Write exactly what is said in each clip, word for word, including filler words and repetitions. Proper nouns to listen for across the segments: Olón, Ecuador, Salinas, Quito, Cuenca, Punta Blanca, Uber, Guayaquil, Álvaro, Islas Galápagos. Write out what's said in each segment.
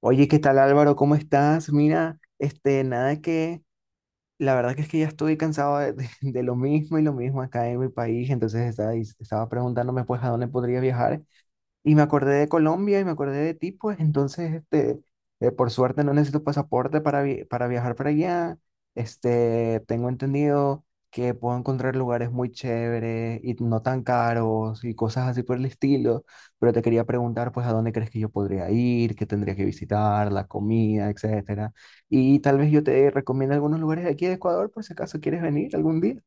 Oye, ¿qué tal Álvaro? ¿Cómo estás? Mira, este, nada que, la verdad que es que ya estoy cansado de, de- de lo mismo y lo mismo acá en mi país, entonces estaba, dis- estaba preguntándome pues a dónde podría viajar y me acordé de Colombia y me acordé de ti, pues entonces, este, eh, por suerte no necesito pasaporte para, vi- para viajar para allá. Este, tengo entendido que puedo encontrar lugares muy chéveres y no tan caros y cosas así por el estilo, pero te quería preguntar, pues, a dónde crees que yo podría ir, qué tendría que visitar, la comida, etcétera. Y tal vez yo te recomiende algunos lugares de aquí de Ecuador por si acaso quieres venir algún día.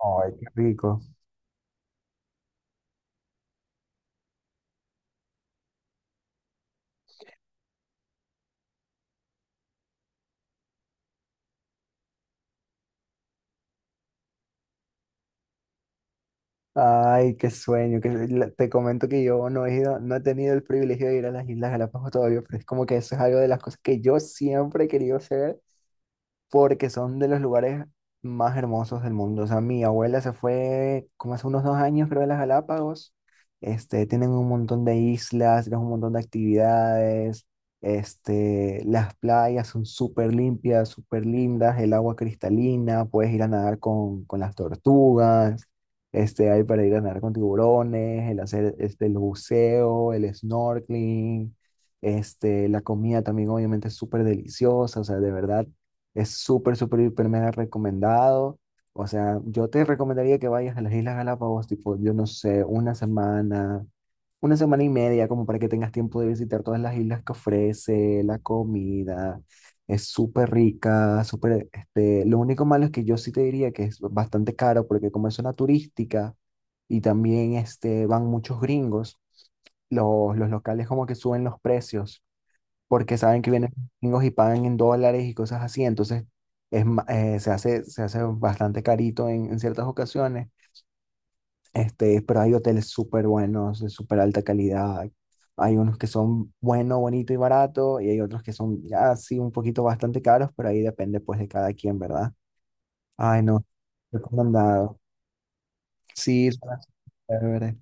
Ay, qué rico. Ay, qué sueño. Que la- te comento que yo no he ido, no he tenido el privilegio de ir a las Islas Galápagos todavía, pero es como que eso es algo de las cosas que yo siempre he querido hacer porque son de los lugares más hermosos del mundo. O sea, mi abuela se fue como hace unos dos años, creo, de las Galápagos. Este, tienen un montón de islas, tienen un montón de actividades. Este, las playas son súper limpias, súper lindas, el agua cristalina, puedes ir a nadar con, con las tortugas. Este, hay para ir a nadar con tiburones, el hacer este, el buceo, el snorkeling, este, la comida también obviamente es súper deliciosa, o sea, de verdad es súper, súper, hiper mega recomendado. O sea, yo te recomendaría que vayas a las Islas Galápagos, tipo, yo no sé, una semana, una semana y media, como para que tengas tiempo de visitar todas las islas que ofrece, la comida. Es súper rica, súper, este, lo único malo es que yo sí te diría que es bastante caro, porque como es zona turística y también, este, van muchos gringos, los, los locales como que suben los precios porque saben que vienen gringos y pagan en dólares y cosas así, entonces es, ma- eh, se hace, se hace bastante carito en, en ciertas ocasiones, este, pero hay hoteles súper buenos, de súper alta calidad, hay unos que son bueno, bonito y barato, y hay otros que son ya sí un poquito bastante caros, pero ahí depende pues de cada quien, ¿verdad? Ay, no, recomendado. Sí, suena súper chévere.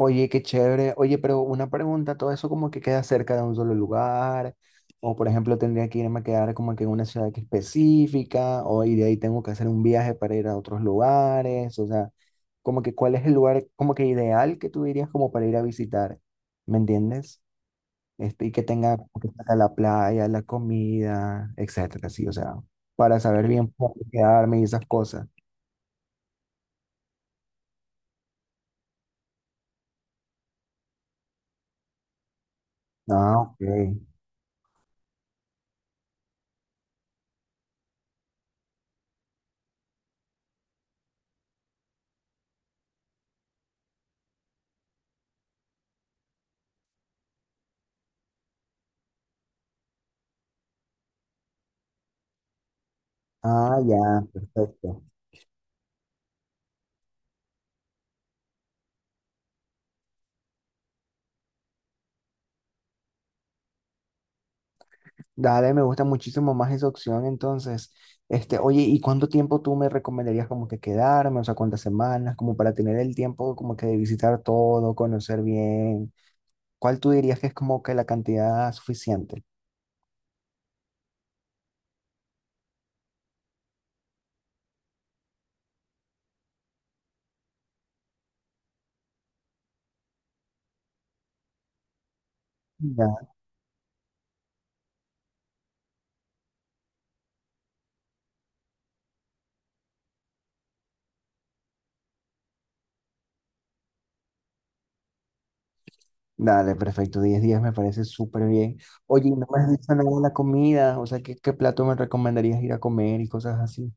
Oye, qué chévere. Oye, pero una pregunta, ¿todo eso como que queda cerca de un solo lugar? O por ejemplo, ¿tendría que irme a quedar como que en una ciudad que específica? ¿O y de ahí tengo que hacer un viaje para ir a otros lugares? O sea, como que cuál es el lugar como que ideal que tú dirías como para ir a visitar, ¿me entiendes? Este, y que tenga como que tenga la playa, la comida, etcétera, sí, o sea, para saber bien por dónde quedarme y esas cosas. Ah, ok. Ah, ya, perfecto. Dale, me gusta muchísimo más esa opción, entonces, este, oye, ¿y cuánto tiempo tú me recomendarías como que quedarme? O sea, ¿cuántas semanas? Como para tener el tiempo como que de visitar todo, conocer bien. ¿Cuál tú dirías que es como que la cantidad suficiente? Ya, dale, perfecto, diez días me parece súper bien. Oye, ¿y no me has dicho nada de la comida, o sea, ¿qué, qué plato me recomendarías ir a comer y cosas así?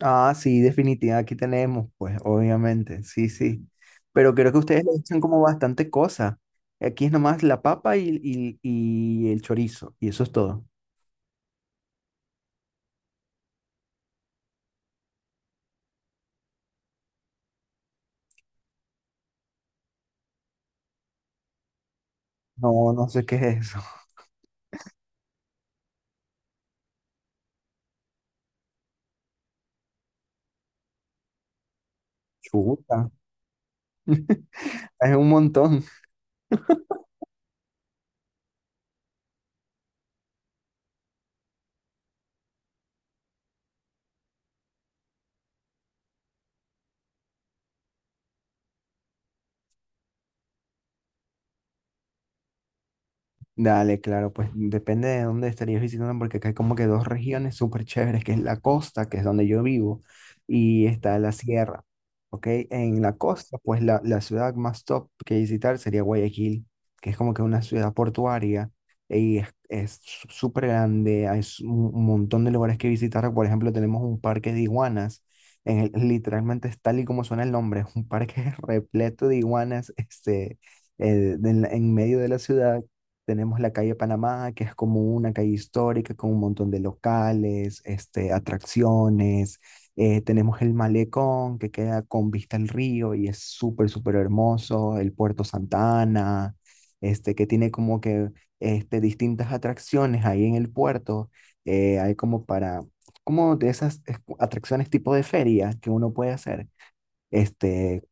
Ah, sí, definitiva, aquí tenemos, pues, obviamente, sí, sí. Pero creo que ustedes le echan como bastante cosa. Aquí es nomás la papa y, y, y el chorizo, y eso es todo. No, no sé qué es eso. Chuta, es un montón. Dale, claro, pues depende de dónde estarías visitando, porque acá hay como que dos regiones súper chéveres, que es la costa, que es donde yo vivo, y está la sierra, ¿ok? En la costa, pues la, la ciudad más top que visitar sería Guayaquil, que es como que una ciudad portuaria, y es, es su- súper grande, hay su- un montón de lugares que visitar, por ejemplo, tenemos un parque de iguanas, en el- literalmente es tal y como suena el nombre, es un parque repleto de iguanas, este eh, de en la- en medio de la ciudad tenemos la calle Panamá, que es como una calle histórica con un montón de locales, este, atracciones. Eh, tenemos el malecón, que queda con vista al río y es súper, súper hermoso. El Puerto Santa Ana, este, que tiene como que este, distintas atracciones ahí en el puerto. Eh, hay como para, como de esas eh, atracciones tipo de feria que uno puede hacer. Este,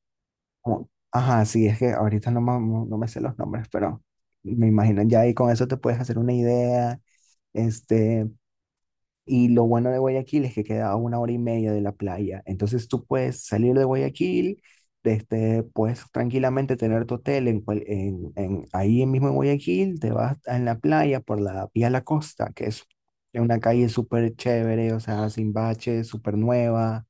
como- Ajá, sí, es que ahorita no, me no no me sé los nombres, pero me imagino ya ahí con eso te puedes hacer una idea. Este, y lo bueno de Guayaquil es que queda a una hora y media de la playa. Entonces tú puedes salir de Guayaquil, este, puedes tranquilamente tener tu hotel en cual- en, en- ahí mismo en Guayaquil, te vas en la playa por la vía La Costa, que es una calle súper chévere, o sea, sin baches, súper nueva,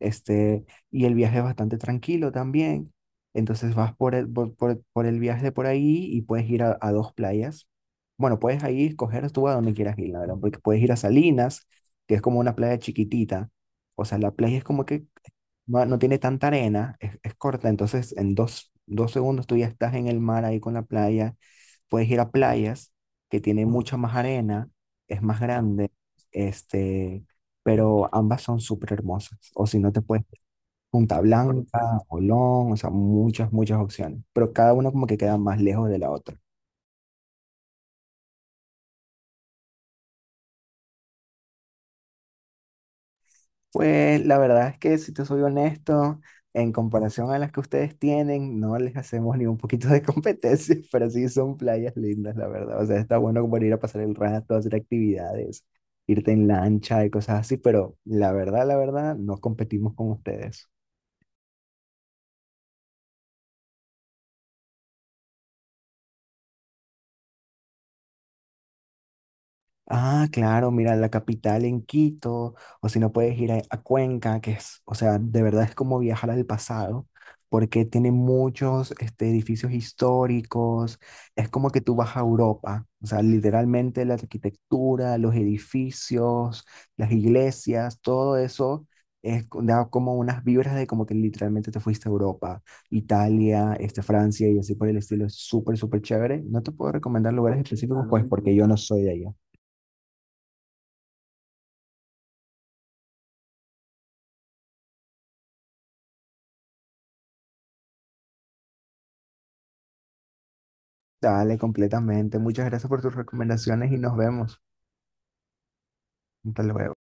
este, y el viaje es bastante tranquilo también. Entonces vas por el, por, por- por el viaje por ahí y puedes ir a a dos playas. Bueno, puedes ahí escoger tú a donde quieras ir, la verdad, porque puedes ir a Salinas, que es como una playa chiquitita. O sea, la playa es como que no, no tiene tanta arena, es, es corta, entonces en dos, dos segundos tú ya estás en el mar ahí con la playa. Puedes ir a playas que tienen mucha más arena, es más grande, este, pero ambas son súper hermosas. O si no, te puedes ir a Punta Blanca, Olón, o sea, muchas, muchas opciones, pero cada una como que queda más lejos de la otra. Pues la verdad es que si te soy honesto, en comparación a las que ustedes tienen, no les hacemos ni un poquito de competencia, pero sí son playas lindas, la verdad. O sea, está bueno como ir a pasar el rato, hacer actividades, irte en lancha y cosas así, pero la verdad, la verdad, no competimos con ustedes. Ah, claro, mira, la capital en Quito, o si no puedes ir a, a Cuenca, que es, o sea, de verdad es como viajar al pasado, porque tiene muchos este, edificios históricos, es como que tú vas a Europa, o sea, literalmente la arquitectura, los edificios, las iglesias, todo eso es, co- da como unas vibras de como que literalmente te fuiste a Europa, Italia, este, Francia y así por el estilo, es súper, súper chévere. No te puedo recomendar lugares específicos, pues, porque yo no soy de allá. Dale, completamente. Muchas gracias por tus recomendaciones y nos vemos. Hasta luego.